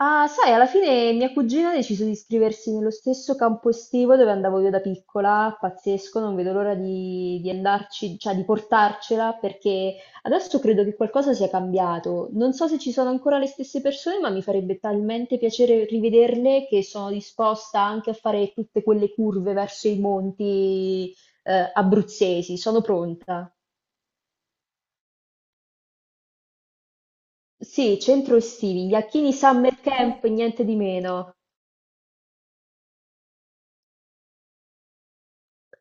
Ah, sai, alla fine mia cugina ha deciso di iscriversi nello stesso campo estivo dove andavo io da piccola, pazzesco, non vedo l'ora di andarci, cioè di portarcela, perché adesso credo che qualcosa sia cambiato. Non so se ci sono ancora le stesse persone, ma mi farebbe talmente piacere rivederle che sono disposta anche a fare tutte quelle curve verso i monti, abruzzesi, sono pronta. Sì, centro estivi, gli Acchini Summer Camp, niente di meno.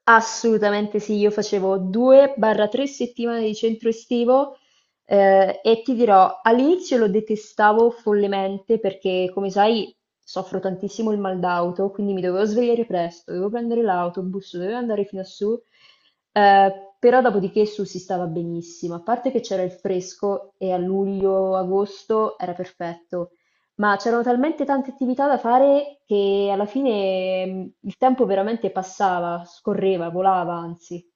Assolutamente sì, io facevo 2-3 settimane di centro estivo, e ti dirò, all'inizio lo detestavo follemente perché, come sai, soffro tantissimo il mal d'auto, quindi mi dovevo svegliare presto, dovevo prendere l'autobus, dovevo andare fino a su, eh, però dopodiché su si stava benissimo, a parte che c'era il fresco e a luglio-agosto era perfetto. Ma c'erano talmente tante attività da fare che alla fine il tempo veramente passava, scorreva, volava, anzi.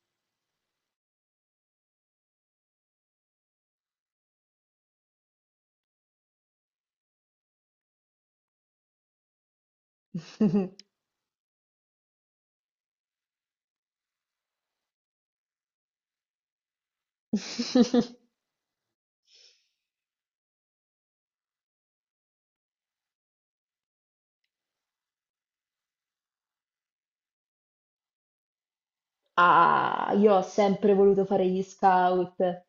Ah, io ho sempre voluto fare gli scout.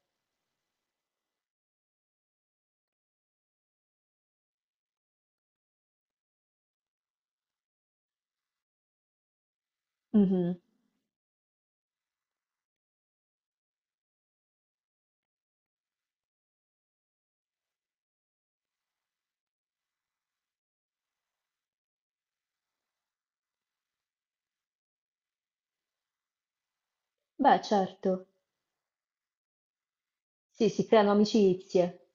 Mhm. Beh, certo. Sì, si creano amicizie.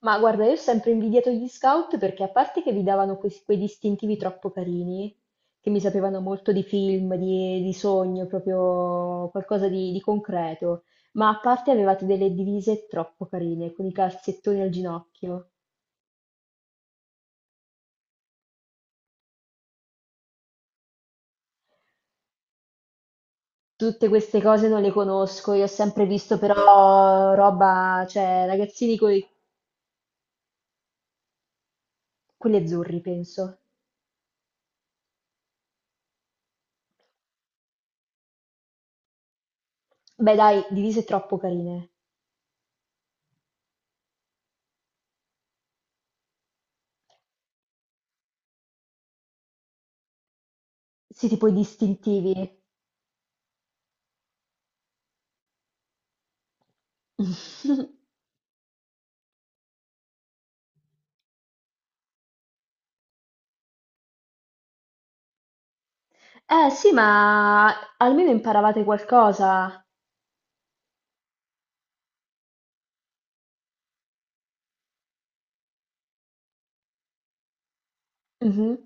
Ma guarda, io ho sempre invidiato gli scout perché a parte che vi davano quei distintivi troppo carini, che mi sapevano molto di film, di sogno, proprio qualcosa di concreto, ma a parte avevate delle divise troppo carine, con i calzettoni al ginocchio. Tutte queste cose non le conosco, io ho sempre visto però roba, cioè ragazzini con quelli azzurri, penso. Beh, dai, divise troppo carine. Sì, tipo i distintivi. Eh sì, ma almeno imparavate qualcosa. Mhm.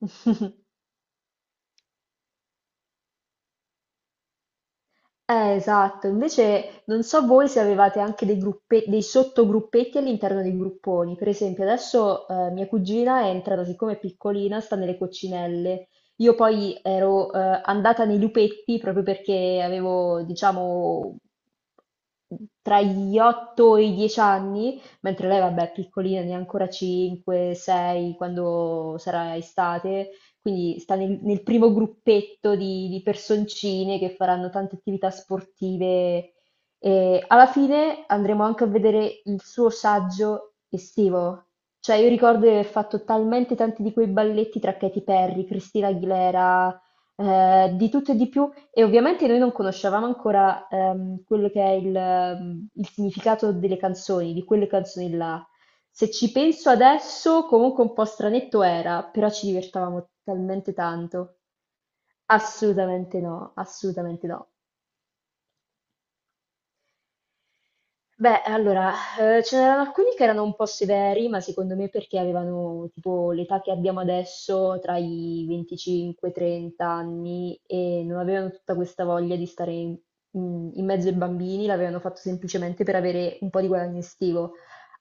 Esatto. Invece non so voi se avevate anche dei dei sottogruppetti all'interno dei grupponi. Per esempio, adesso mia cugina è entrata, siccome è piccolina, sta nelle coccinelle. Io poi ero andata nei lupetti proprio perché avevo, diciamo, tra gli 8 e i 10 anni, mentre lei, vabbè, è piccolina, ne ha ancora 5, 6, quando sarà estate. Quindi sta nel primo gruppetto di personcine che faranno tante attività sportive. E alla fine andremo anche a vedere il suo saggio estivo. Cioè, io ricordo di aver fatto talmente tanti di quei balletti tra Katy Perry, Christina Aguilera, di tutto e di più. E ovviamente noi non conoscevamo ancora quello che è il significato delle canzoni, di quelle canzoni là. Se ci penso adesso, comunque un po' stranetto era, però ci divertavamo talmente tanto. Assolutamente no, assolutamente no. Beh, allora, ce n'erano alcuni che erano un po' severi, ma secondo me perché avevano tipo l'età che abbiamo adesso, tra i 25 e i 30 anni, e non avevano tutta questa voglia di stare in mezzo ai bambini, l'avevano fatto semplicemente per avere un po' di guadagno estivo.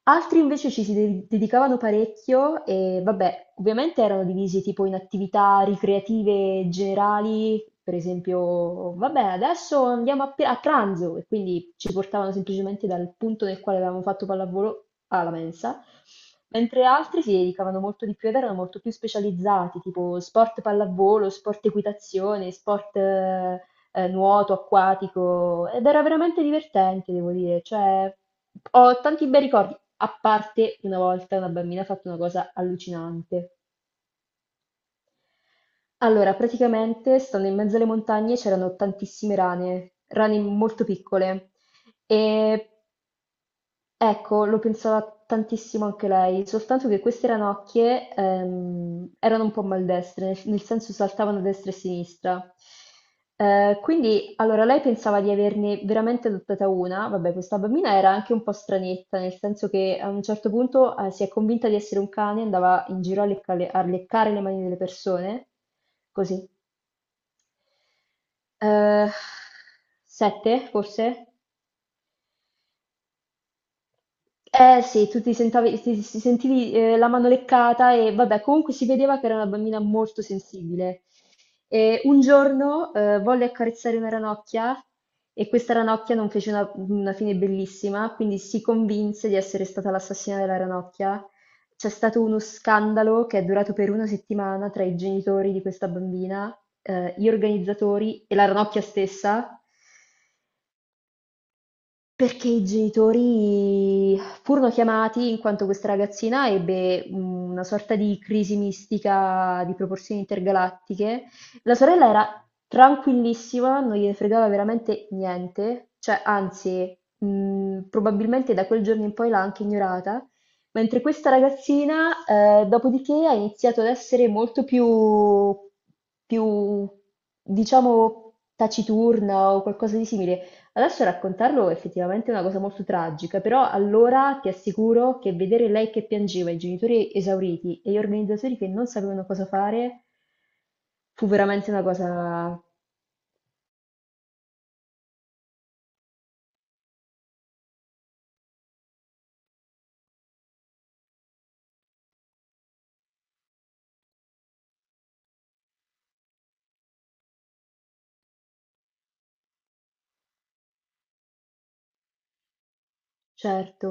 Altri invece ci si dedicavano parecchio e vabbè, ovviamente erano divisi tipo in attività ricreative generali, per esempio, vabbè, adesso andiamo a, a pranzo e quindi ci portavano semplicemente dal punto nel quale avevamo fatto pallavolo alla mensa, mentre altri si dedicavano molto di più ed erano molto più specializzati, tipo sport pallavolo, sport equitazione, sport nuoto acquatico ed era veramente divertente, devo dire. Cioè, ho tanti bei ricordi, a parte una volta una bambina ha fatto una cosa allucinante. Allora, praticamente, stando in mezzo alle montagne c'erano tantissime rane, rane molto piccole. E ecco, lo pensava tantissimo anche lei, soltanto che queste ranocchie erano un po' maldestre, nel senso saltavano a destra e a sinistra. Quindi, allora, lei pensava di averne veramente adottata una. Vabbè, questa bambina era anche un po' stranetta, nel senso che a un certo punto si è convinta di essere un cane, andava in giro a leccare le mani delle persone, così. Eh, sette, forse? Eh sì, tu ti sentavi- ti- ti sentivi la mano leccata e vabbè, comunque si vedeva che era una bambina molto sensibile. E un giorno volle accarezzare una ranocchia e questa ranocchia non fece una fine bellissima, quindi si convinse di essere stata l'assassina della ranocchia. C'è stato uno scandalo che è durato per una settimana tra i genitori di questa bambina, gli organizzatori e la ranocchia stessa. Perché i genitori furono chiamati in quanto questa ragazzina ebbe una sorta di crisi mistica di proporzioni intergalattiche. La sorella era tranquillissima, non gliene fregava veramente niente, cioè anzi, probabilmente da quel giorno in poi l'ha anche ignorata, mentre questa ragazzina, dopodiché ha iniziato ad essere molto più, più, diciamo, taciturna o qualcosa di simile. Adesso raccontarlo effettivamente è effettivamente una cosa molto tragica, però allora ti assicuro che vedere lei che piangeva, i genitori esauriti e gli organizzatori che non sapevano cosa fare, fu veramente una cosa... Certo.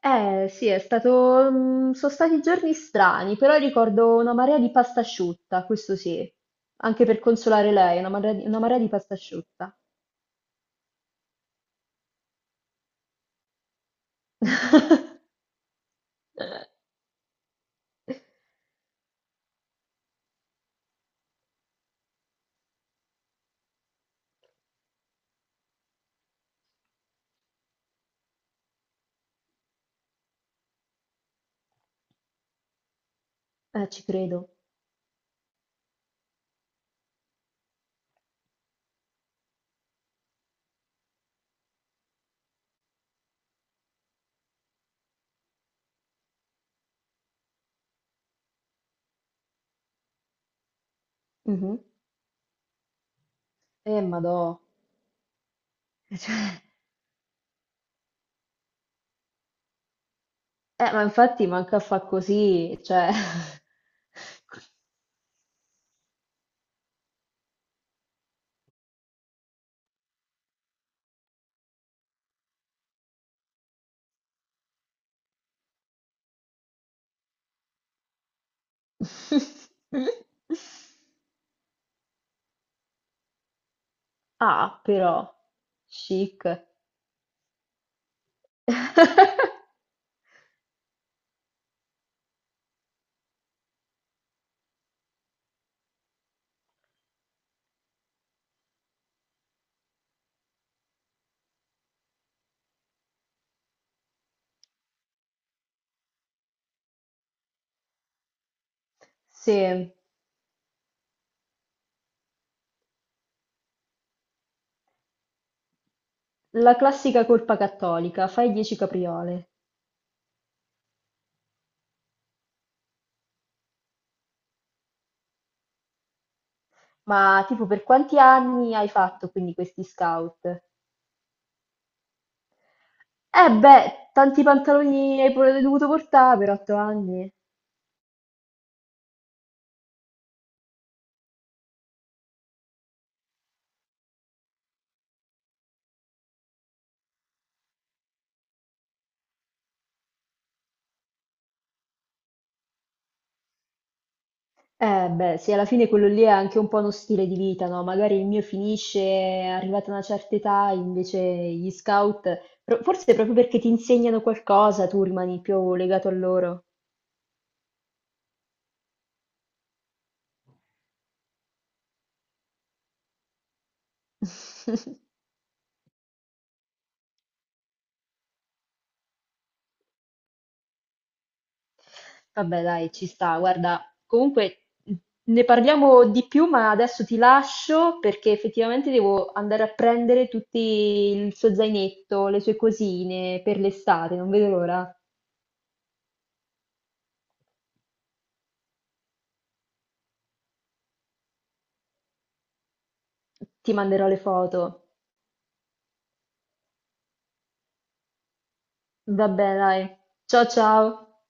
Eh sì, è stato... sono stati giorni strani, però ricordo una marea di pasta asciutta, questo sì, anche per consolare lei, una marea di pasta asciutta. Ci credo. Mhm. Madò. Cioè, eh, ma infatti manca a fa così, cioè... Ah, però, chic. Sì, la classica colpa cattolica, fai 10 capriole. Ma tipo per quanti anni hai fatto quindi questi scout? Eh beh, tanti pantaloni hai pure dovuto portare per 8 anni. Beh, sì, alla fine quello lì è anche un po' uno stile di vita, no? Magari il mio finisce, è arrivata a una certa età, invece gli scout, forse proprio perché ti insegnano qualcosa, tu rimani più legato a loro. Vabbè, dai, ci sta. Guarda, comunque ne parliamo di più, ma adesso ti lascio perché effettivamente devo andare a prendere tutti il suo zainetto, le sue cosine per l'estate, non vedo l'ora. Ti manderò le foto. Vabbè dai, ciao ciao!